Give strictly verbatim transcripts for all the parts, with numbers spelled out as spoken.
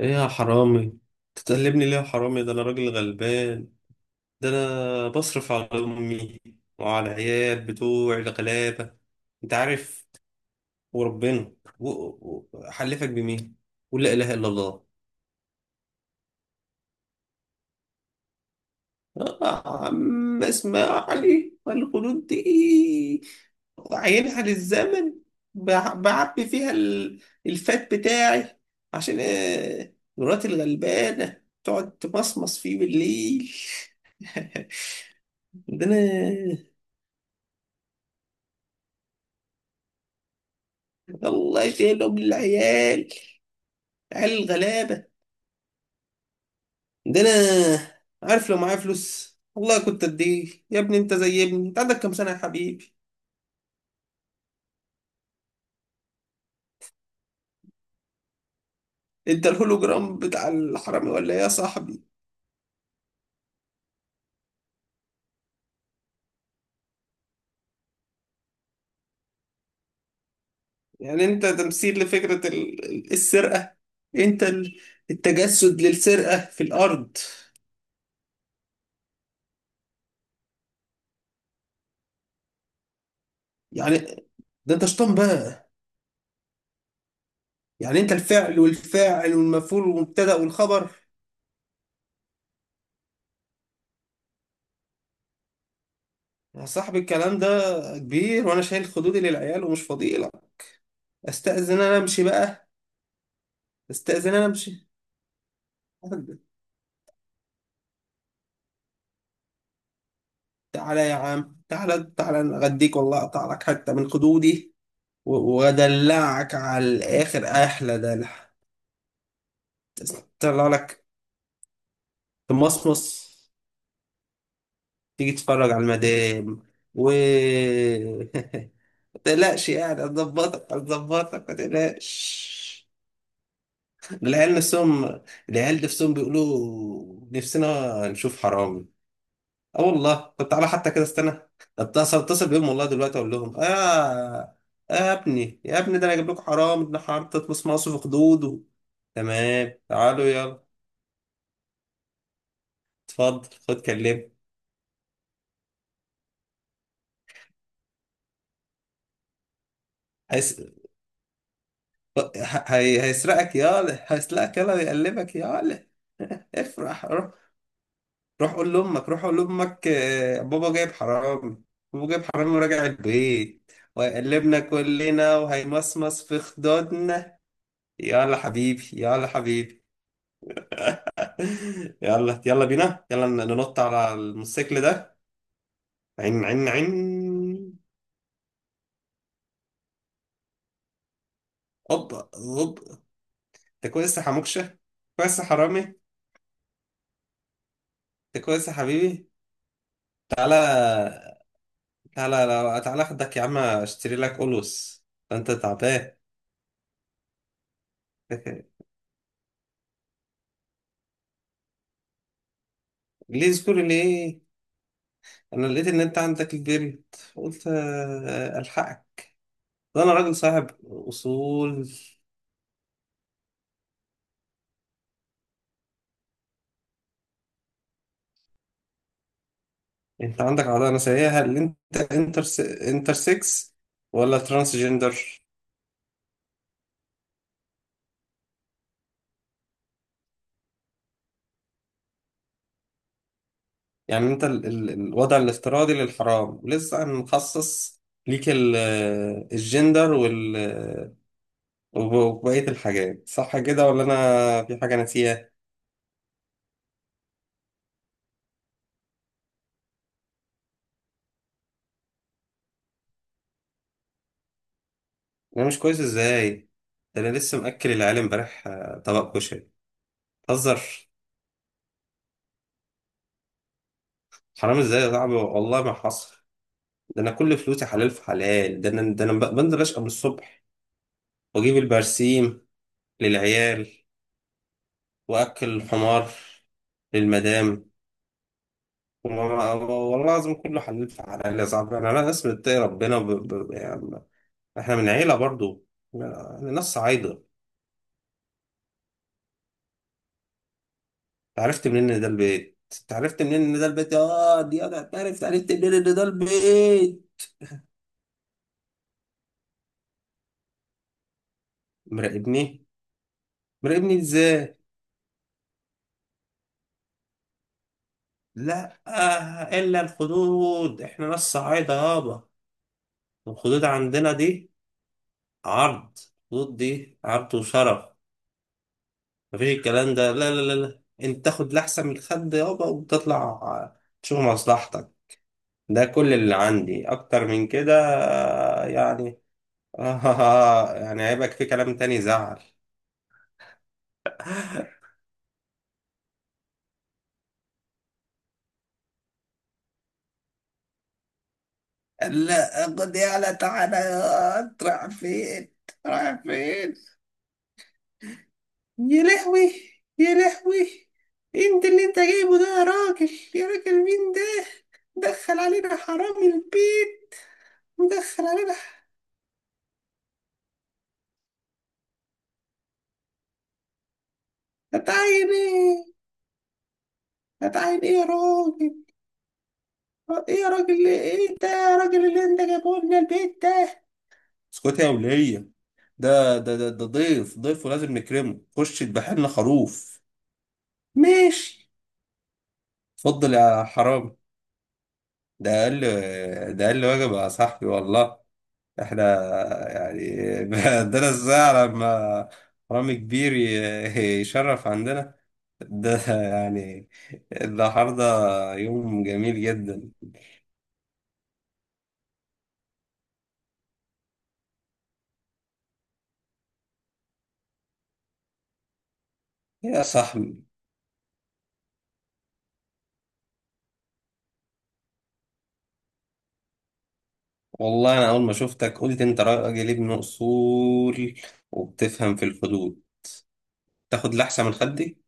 ايه يا حرامي؟ تتقلبني ليه يا حرامي؟ ده انا راجل غلبان، ده انا بصرف على امي وعلى العيال بتوعي الغلابه، انت عارف وربنا. و- و- حلفك بمين؟ قول لا اله الا الله. آه، عم اسمع. علي والخدود دي عينها للزمن. بع- بعبي فيها ال- الفات بتاعي عشان آه، مراتي الغلبانه تقعد تمصمص فيه بالليل. عندنا الله يشيلهم للعيال، عيال الغلابة عندنا. عارف لو معايا فلوس والله كنت اديه. يا ابني انت زي ابني، انت عندك كام سنة يا حبيبي؟ انت الهولوجرام بتاع الحرامي ولا ايه يا صاحبي؟ يعني انت تمثيل لفكرة ال- ال- السرقة، انت ال- التجسد للسرقة في الارض. يعني ده انت شطان بقى، يعني انت الفعل والفاعل والمفعول والمبتدأ والخبر. يا صاحبي الكلام ده كبير وانا شايل خدودي للعيال ومش فاضي. استأذن انا امشي بقى، استأذن انا امشي. تعالى يا عم، تعالى تعالى، أنا اغديك والله، اقطع لك حتة من خدودي و- وادلعك على الاخر احلى دلع، طلع لك تمصمص. تيجي تتفرج على المدام و ما تقلقش، يعني هتظبطك هتظبطك، ما تقلقش. العيال نفسهم، العيال نفسهم بيقولوا نفسنا نشوف حرام. اه والله، طب تعالى حتى كده استنى. اتصل اتصل بيهم، والله دلوقتي اقول لهم: يا يا ابني يا ابني، ده انا جايب لكم حرام ابن حرام تطمس مصر في خدوده. تمام تعالوا يلا. اتفضل خد كلمه. هيس... ه- هي... هيسرقك يالا، هيسرقك يالا ويقلبك يالا. افرح روح، روح قول لامك، روح قول لامك آه، بابا جايب حرامي، بابا جايب حرامي وراجع البيت وهيقلبنا كلنا وهيمصمص في خدودنا. يلا حبيبي يلا حبيبي. يلا يلا بينا، يلا ن- ننط على الموتوسيكل ده. عين عين عين! هوب هوب. انت كويس يا حموكشة؟ كويس يا حرامي؟ انت كويس يا حبيبي؟ تعالى تعالى لو تعالى اخدك يا عم اشتري لك قلوس، ده انت تعبان. ليه ذكور ليه؟ انا لقيت ان انت عندك البرد، قلت آه، الحقك، ده انا راجل صاحب اصول. انت عندك عضله نسائيه؟ هل انت انتر، انتر سكس ولا ترانس جندر؟ يعني انت ال ال الوضع الافتراضي للحرام ولسه هنخصص ليك ال- الجندر وال وب- وبقية الحاجات، صح كده ولا انا في حاجة ناسيها؟ انا مش كويس ازاي؟ ده انا لسه مأكل العيال امبارح آه، طبق كشري، تهزر؟ حرام ازاي يا صاحبي؟ والله ما حصل، ده انا كل فلوسي حلال في حلال، ده انا ده انا ب- بنزل اشقى من الصبح واجيب البرسيم للعيال واكل الحمار للمدام. وما- والله لازم كله، حلف على العيلة يا صاحبي، يعني أنا ناس بتتقي ربنا ب... ب... يعني إحنا من عيلة برضو، يعني ناس صعايدة أنت. عرفت منين إن ده البيت؟ أنت عرفت منين إن ده البيت؟ آه دي أنا عرفت. عرفت منين إن ده البيت؟ مراقبني؟ مراقبني إزاي؟ لا آه، إلا الخدود! إحنا ناس صعايدة يابا، الخدود عندنا دي عرض، الخدود دي عرض وشرف. مفيش الكلام ده، لا لا لا لا. أنت تاخد لأحسن من الخد يابا وتطلع تشوف مصلحتك، ده كل اللي عندي. اكتر من كده يعني... آه، يعني هيبقى في كلام تاني زعل. لا قد يعلى، تعالى. انت رايح فين؟ رايح فين؟ يا لهوي، يا لهوي! انت اللي انت جايبه ده يا راجل، يا راجل مين ده؟ دخل علينا حرامي البيت، مدخل علينا. هتعين ايه؟ هتعين ايه يا راجل؟ ايه يا راجل، ايه ده يا راجل اللي انت جايبه لنا البيت ده؟ اسكت يا ولية، ده ده ده, ده ضيف، ضيف ولازم نكرمه، خش اذبح لنا خروف. ماشي، اتفضل يا حرامي. ده اقل، ده اقل واجب يا صاحبي والله. احنا يعني عندنا الساعة لما حرامي كبير ي- يشرف عندنا، ده يعني النهارده يوم جميل جدا. يا صاحبي والله انا اول ما شفتك قلت انت راجل ابن اصول وبتفهم في الحدود. تاخد لحسة من خدي؟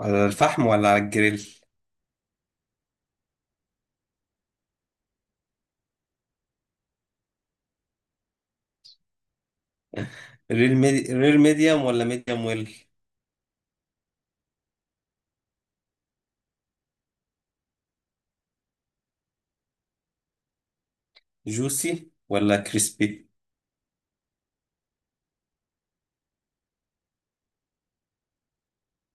على الفحم ولا على الجريل؟ رير ميدي... رير ميديوم ولا ميديوم ويل؟ جوسي ولا كريسبي؟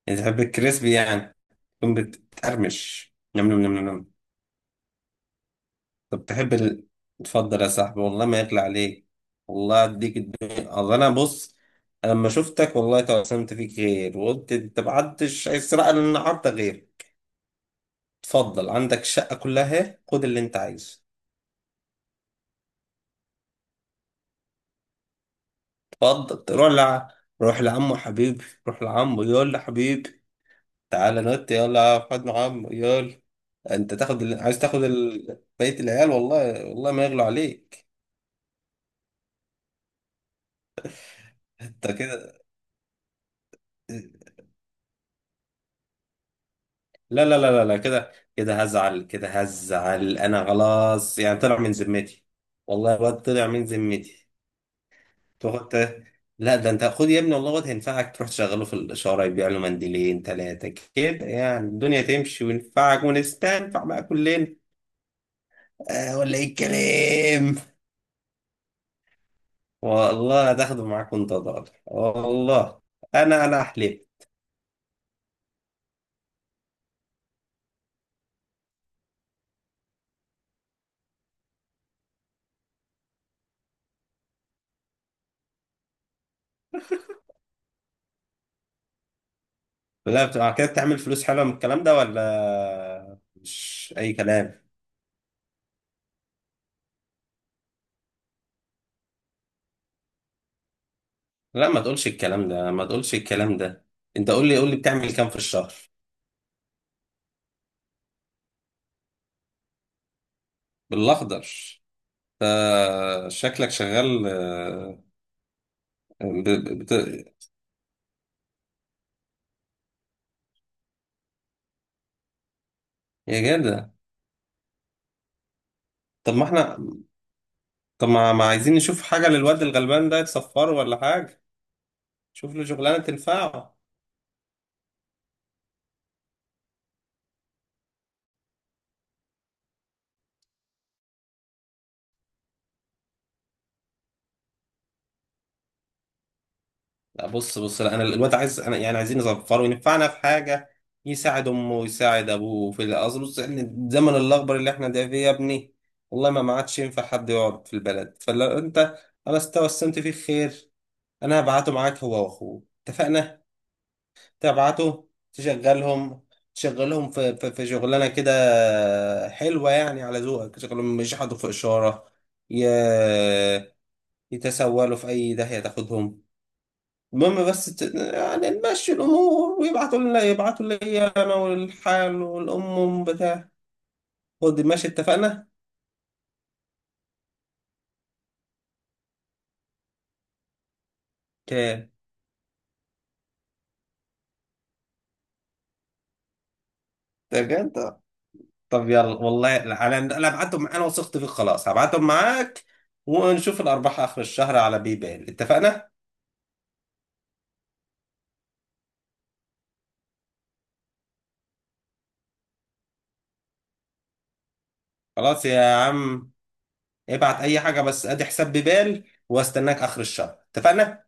يعني تحب الكريسبي، يعني تكون بتقرمش نم نم نم نم؟ طب تحب ال... اتفضل يا صاحبي والله ما يطلع عليك، والله اديك الدنيا. اصل انا بص، أنا لما شفتك والله توسمت فيك غير وقلت انت ما حدش هيسرق لنا النهارده غير. اتفضل عندك الشقه كلها اهي، خد اللي انت عايزه. اتفضل روح لع... روح لعمه حبيبي، روح لعمه يقول له حبيبي. تعالى نوت يلا، يا احمد محمد يلا. انت تاخد ال... عايز تاخد ال... بقية العيال، والله والله ما يغلو عليك. انت كده... لا لا لا لا لا، كده كده هزعل، كده هزعل، انا خلاص يعني طلع من ذمتي، والله الواد طلع من ذمتي. تاخد ت- لا ده انت خد يا ابني، والله الواد هينفعك، تروح تشغله في الاشاره، يبيع له منديلين ثلاثه كده، يعني الدنيا تمشي وينفعك ونستنفع بقى كلنا، آه، ولا ايه الكلام؟ والله هتاخده معاك وانت ضالع، والله انا انا احلف. لا بتبقى كده؟ بتعمل فلوس حلوه من الكلام ده ولا مش اي كلام؟ لا ما تقولش الكلام ده، ما تقولش الكلام ده، انت قول لي، قول لي بتعمل كام في الشهر؟ بالاخضر؟ آه، شكلك شغال آه، ب- ب- بت... يا جدع! طب ما احنا، طب ما ما عايزين نشوف حاجه للواد الغلبان ده، يتصفره ولا حاجه، شوف له شغلانه تنفعه. لا بص بص، لا انا الواد عايز، انا يعني عايزين نظفره وينفعنا في حاجه، يساعد امه ويساعد ابوه في الاصل. بص إن الزمن الاخضر اللي احنا ده فيه يا ابني والله ما ما عادش ينفع حد يقعد في البلد. فلو انت، انا استوسمت فيه خير، انا هبعته معاك هو واخوه، اتفقنا؟ تبعته تشغلهم، تشغلهم في في, في شغلانه كده حلوه يعني على ذوقك، تشغلهم مش يحطوا في اشاره ي- يتسولوا في اي داهيه تاخدهم. المهم بس ت... يعني نمشي الأمور، ويبعتوا لنا، يبعتوا لي أنا والحال والأم بتاع. خد ماشي، اتفقنا؟ اوكي. ده بجد؟ طب يلا والله، أنا أنا هبعتهم معاك، أنا وثقت فيك خلاص، هبعتهم معاك ونشوف الأرباح آخر الشهر على بيبال، اتفقنا؟ خلاص يا عم، ابعت أي حاجة بس أدي حساب بيبال وأستناك آخر الشهر، اتفقنا؟